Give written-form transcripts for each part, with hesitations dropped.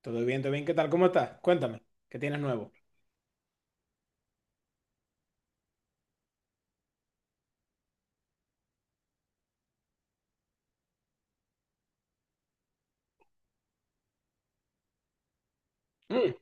Todo bien, todo bien. ¿Qué tal? ¿Cómo estás? Cuéntame, ¿qué tienes nuevo? Mm,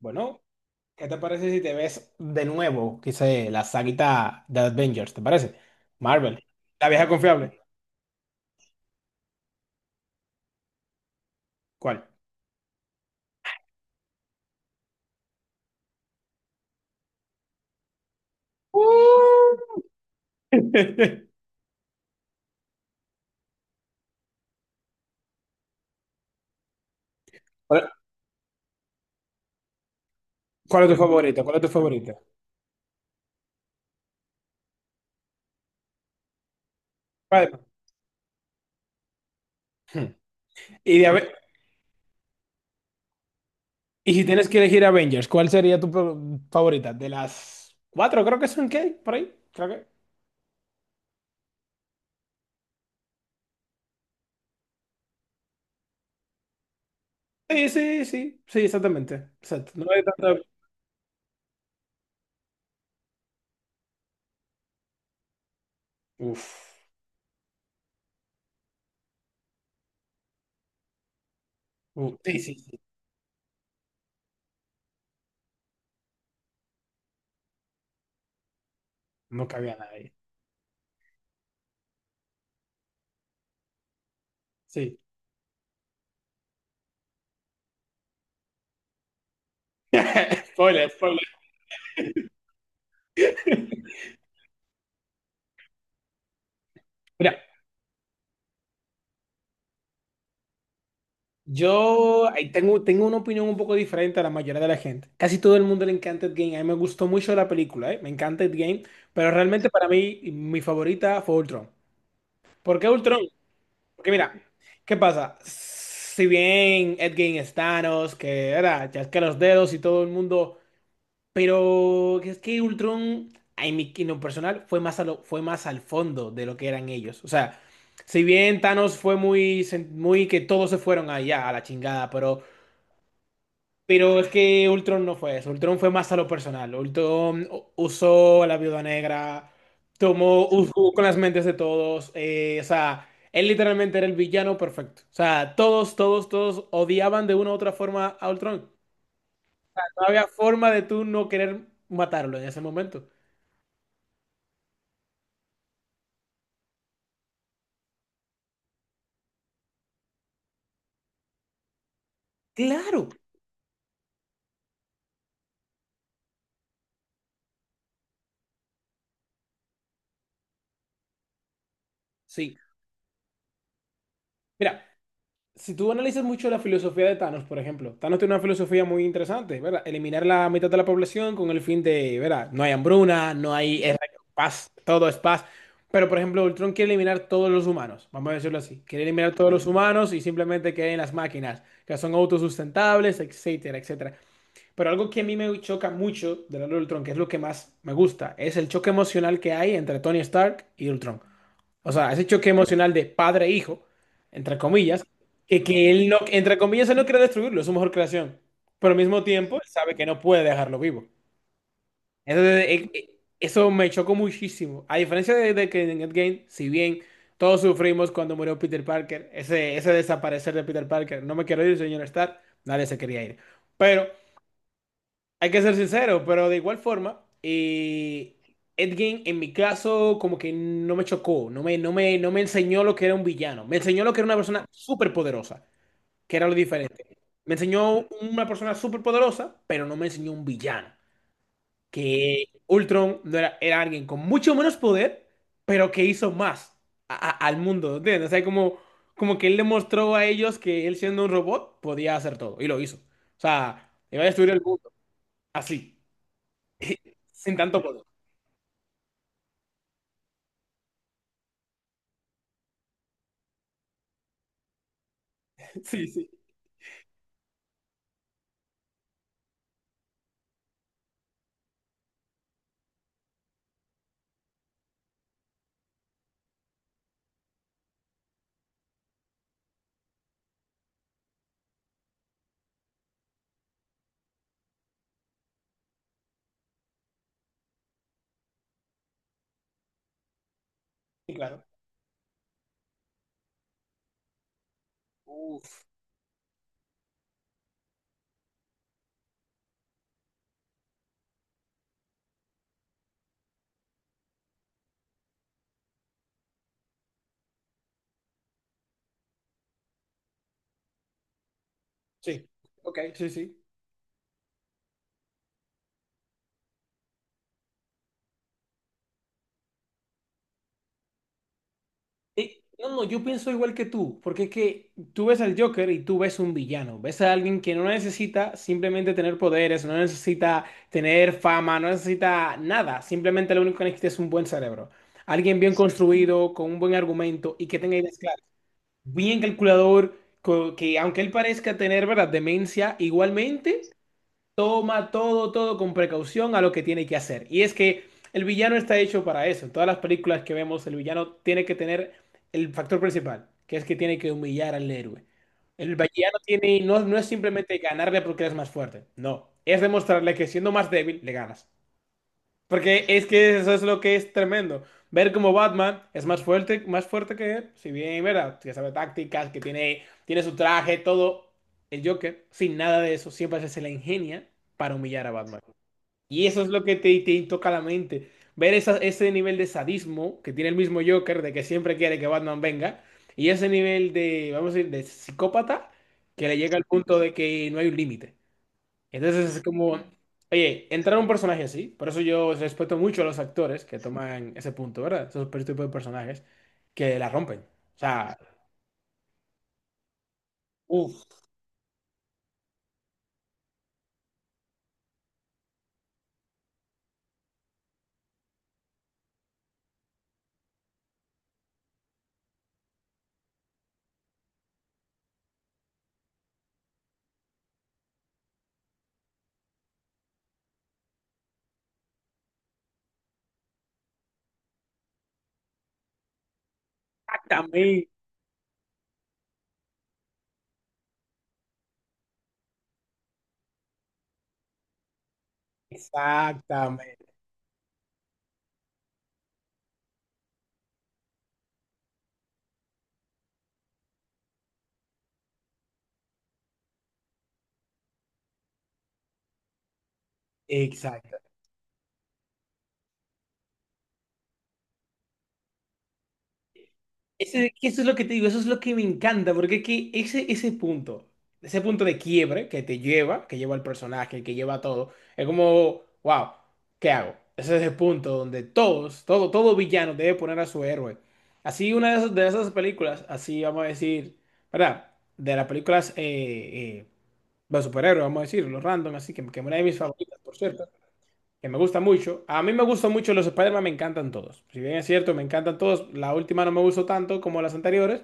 Bueno, ¿qué te parece si te ves de nuevo, qué sé, la saguita de Avengers? ¿Te parece? Marvel, la vieja confiable. ¿Cuál? ¿Cuál cuál es tu favorito? ¿Cuál es tu favorito? ¿Cuál? Hmm. Y, de Ave- y si tienes que elegir Avengers, ¿cuál sería tu favorita? De las cuatro, creo que son, ¿qué? Por ahí, creo que. Sí, sí, sí, sí, exactamente. Exacto. No hay tanta... Uf, uf. Sí, sí, sí. No cabía nadie. Sí. Spoiler, spoiler. Mira, yo ahí tengo, tengo una opinión un poco diferente a la mayoría de la gente. Casi todo el mundo le encanta Ed Game. A mí me gustó mucho la película, ¿eh? Me encanta Ed Game. Pero realmente para mí, mi favorita fue Ultron. ¿Por qué Ultron? Porque mira, ¿qué pasa? Si bien Ed Game es Thanos, que era chasquea los dedos y todo el mundo. Pero es que Ultron, en mi en lo personal, fue más, fue más al fondo de lo que eran ellos. O sea, si bien Thanos fue muy, muy que todos se fueron allá a la chingada, pero es que Ultron no fue eso. Ultron fue más a lo personal. Ultron usó a la Viuda Negra, tomó, sí, usó con las mentes de todos. O sea, él literalmente era el villano perfecto. O sea, todos odiaban de una u otra forma a Ultron. No había forma de tú no querer matarlo en ese momento. Claro, sí. Mira, si tú analizas mucho la filosofía de Thanos, por ejemplo, Thanos tiene una filosofía muy interesante, ¿verdad? Eliminar la mitad de la población con el fin de, ¿verdad? No hay hambruna, no hay paz, todo es paz. Pero, por ejemplo, Ultron quiere eliminar todos los humanos, vamos a decirlo así. Quiere eliminar todos los humanos y simplemente queden las máquinas, que son autosustentables, etcétera, etcétera. Pero algo que a mí me choca mucho de la ley de Ultron, que es lo que más me gusta, es el choque emocional que hay entre Tony Stark y Ultron. O sea, ese choque emocional de padre-hijo, entre comillas, que él no, entre comillas, él no quiere destruirlo, es su mejor creación. Pero al mismo tiempo, él sabe que no puede dejarlo vivo. Entonces, eso me chocó muchísimo. A diferencia de que en Endgame, si bien todos sufrimos cuando murió Peter Parker, ese desaparecer de Peter Parker, no me quiero ir, señor Stark, nadie se quería ir. Pero hay que ser sincero, pero de igual forma, Ed Gein, en mi caso como que no me chocó, no me enseñó lo que era un villano, me enseñó lo que era una persona súper poderosa, que era lo diferente. Me enseñó una persona súper poderosa, pero no me enseñó un villano, que Ultron no era, era alguien con mucho menos poder, pero que hizo más al mundo, ¿entiendes? O sea, como, como que él demostró a ellos que él siendo un robot podía hacer todo, y lo hizo. O sea, iba a destruir el mundo, así. Sin tanto poder. Sí, sí, sí, claro. Uf, sí, ok, sí, sí. No, no, yo pienso igual que tú, porque es que tú ves al Joker y tú ves un villano, ves a alguien que no necesita simplemente tener poderes, no necesita tener fama, no necesita nada, simplemente lo único que necesita es un buen cerebro, alguien bien construido, con un buen argumento y que tenga ideas claras, bien calculador, que aunque él parezca tener, ¿verdad?, demencia, igualmente toma todo, todo con precaución a lo que tiene que hacer. Y es que el villano está hecho para eso. En todas las películas que vemos, el villano tiene que tener el factor principal, que es que tiene que humillar al héroe. El villano tiene, no, no es simplemente ganarle porque eres más fuerte. No, es demostrarle que siendo más débil, le ganas. Porque es que eso es lo que es tremendo. Ver cómo Batman es más fuerte que él, si bien, ¿verdad? Que sabe tácticas, que tiene, tiene su traje, todo. El Joker, sin nada de eso, siempre se la ingenia para humillar a Batman. Y eso es lo que te toca la mente. Ver ese nivel de sadismo que tiene el mismo Joker, de que siempre quiere que Batman venga, y ese nivel de, vamos a decir, de psicópata, que le llega al punto de que no hay un límite. Entonces es como, oye, entrar a un personaje así, por eso yo respeto mucho a los actores que toman ese punto, ¿verdad? Esos tipos de personajes que la rompen. O sea, uff, exactamente, exactamente, exactamente. Que eso es lo que te digo, eso es lo que me encanta, porque es que ese, ese punto de quiebre que te lleva, que lleva al personaje, que lleva a todo, es como, wow, ¿qué hago? Ese es el punto donde todos, todo, todo villano debe poner a su héroe. Así una de esas películas, así vamos a decir, ¿verdad? De las películas de superhéroes, vamos a decir, los random, así que una de mis favoritas, por cierto que me gusta mucho. A mí me gustan mucho los Spider-Man, me encantan todos. Si bien es cierto, me encantan todos. La última no me gustó tanto como las anteriores.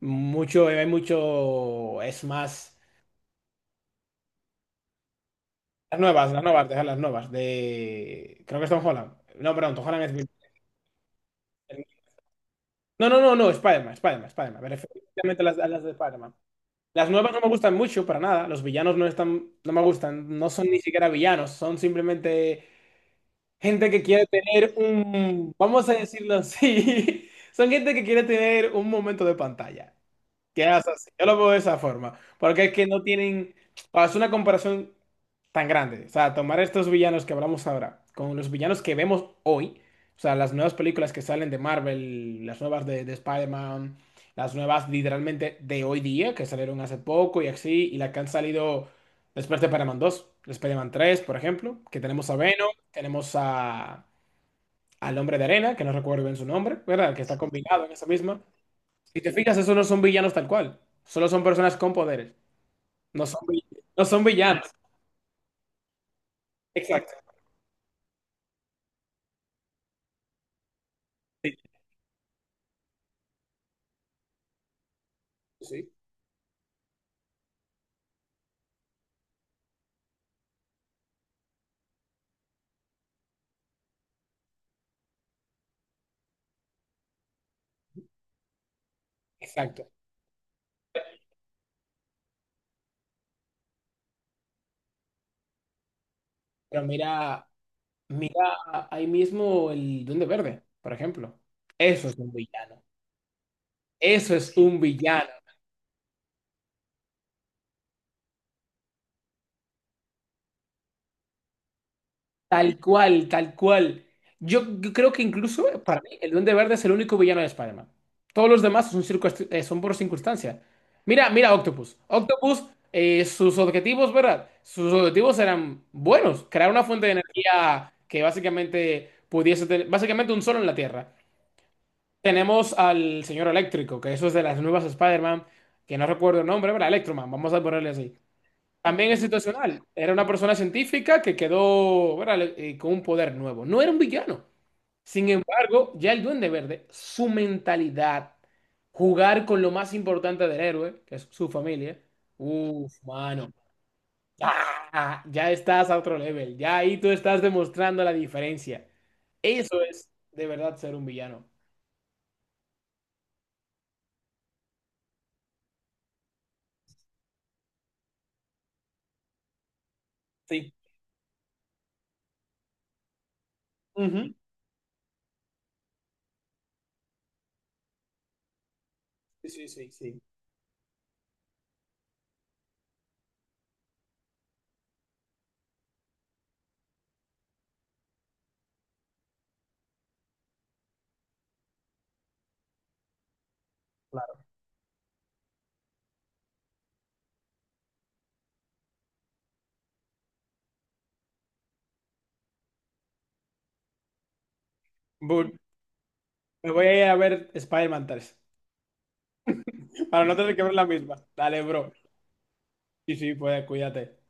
Mucho, hay mucho, es más. Las nuevas, dejar las nuevas. De. Creo que es Tom Holland. No, perdón, Tom Holland es. No, no, no, no, Spider-Man, Spider-Man, Spider-Man. Me refiero especialmente a las de Spider-Man. Las nuevas no me gustan mucho, para nada. Los villanos no están, no me gustan. No son ni siquiera villanos, son simplemente gente que quiere tener un, vamos a decirlo así, son gente que quiere tener un momento de pantalla. Quedas así. Yo lo veo de esa forma. Porque es que no tienen. O sea, es una comparación tan grande. O sea, tomar estos villanos que hablamos ahora con los villanos que vemos hoy. O sea, las nuevas películas que salen de Marvel, las nuevas de Spider-Man, las nuevas literalmente de hoy día, que salieron hace poco y así, y las que han salido después de Spider-Man 2, de Spider-Man 3, por ejemplo, que tenemos a Venom, tenemos a, al Hombre de Arena, que no recuerdo bien su nombre, ¿verdad? Que está combinado en esa misma. Si te fijas, esos no son villanos tal cual. Solo son personas con poderes. No son, no son villanos. Exacto. Sí, sí, exacto. Pero mira, mira ahí mismo el Duende Verde, por ejemplo. Eso es un villano. Eso es un villano. Tal cual, tal cual. Yo creo que incluso para mí el Duende Verde es el único villano de Spider-Man. Todos los demás son, son por circunstancia. Mira, mira Octopus. Octopus, sus objetivos, ¿verdad? Sus objetivos eran buenos. Crear una fuente de energía que básicamente pudiese tener, básicamente un sol en la Tierra. Tenemos al señor Eléctrico, que eso es de las nuevas Spider-Man, que no recuerdo el nombre, ¿verdad? Electroman, vamos a ponerle así. También es situacional. Era una persona científica que quedó, ¿verdad? Con un poder nuevo. No era un villano. Sin embargo, ya el Duende Verde, su mentalidad, jugar con lo más importante del héroe, que es su familia. Uf, mano. Ah, ya estás a otro level. Ya ahí tú estás demostrando la diferencia. Eso es de verdad ser un villano. Sí. Ujú. Sí, sí, sí, sí. Claro. Bu- Me voy a ir a ver Spider-Man 3 para no tener que ver la misma. Dale, bro. Sí, sí, pues cuídate.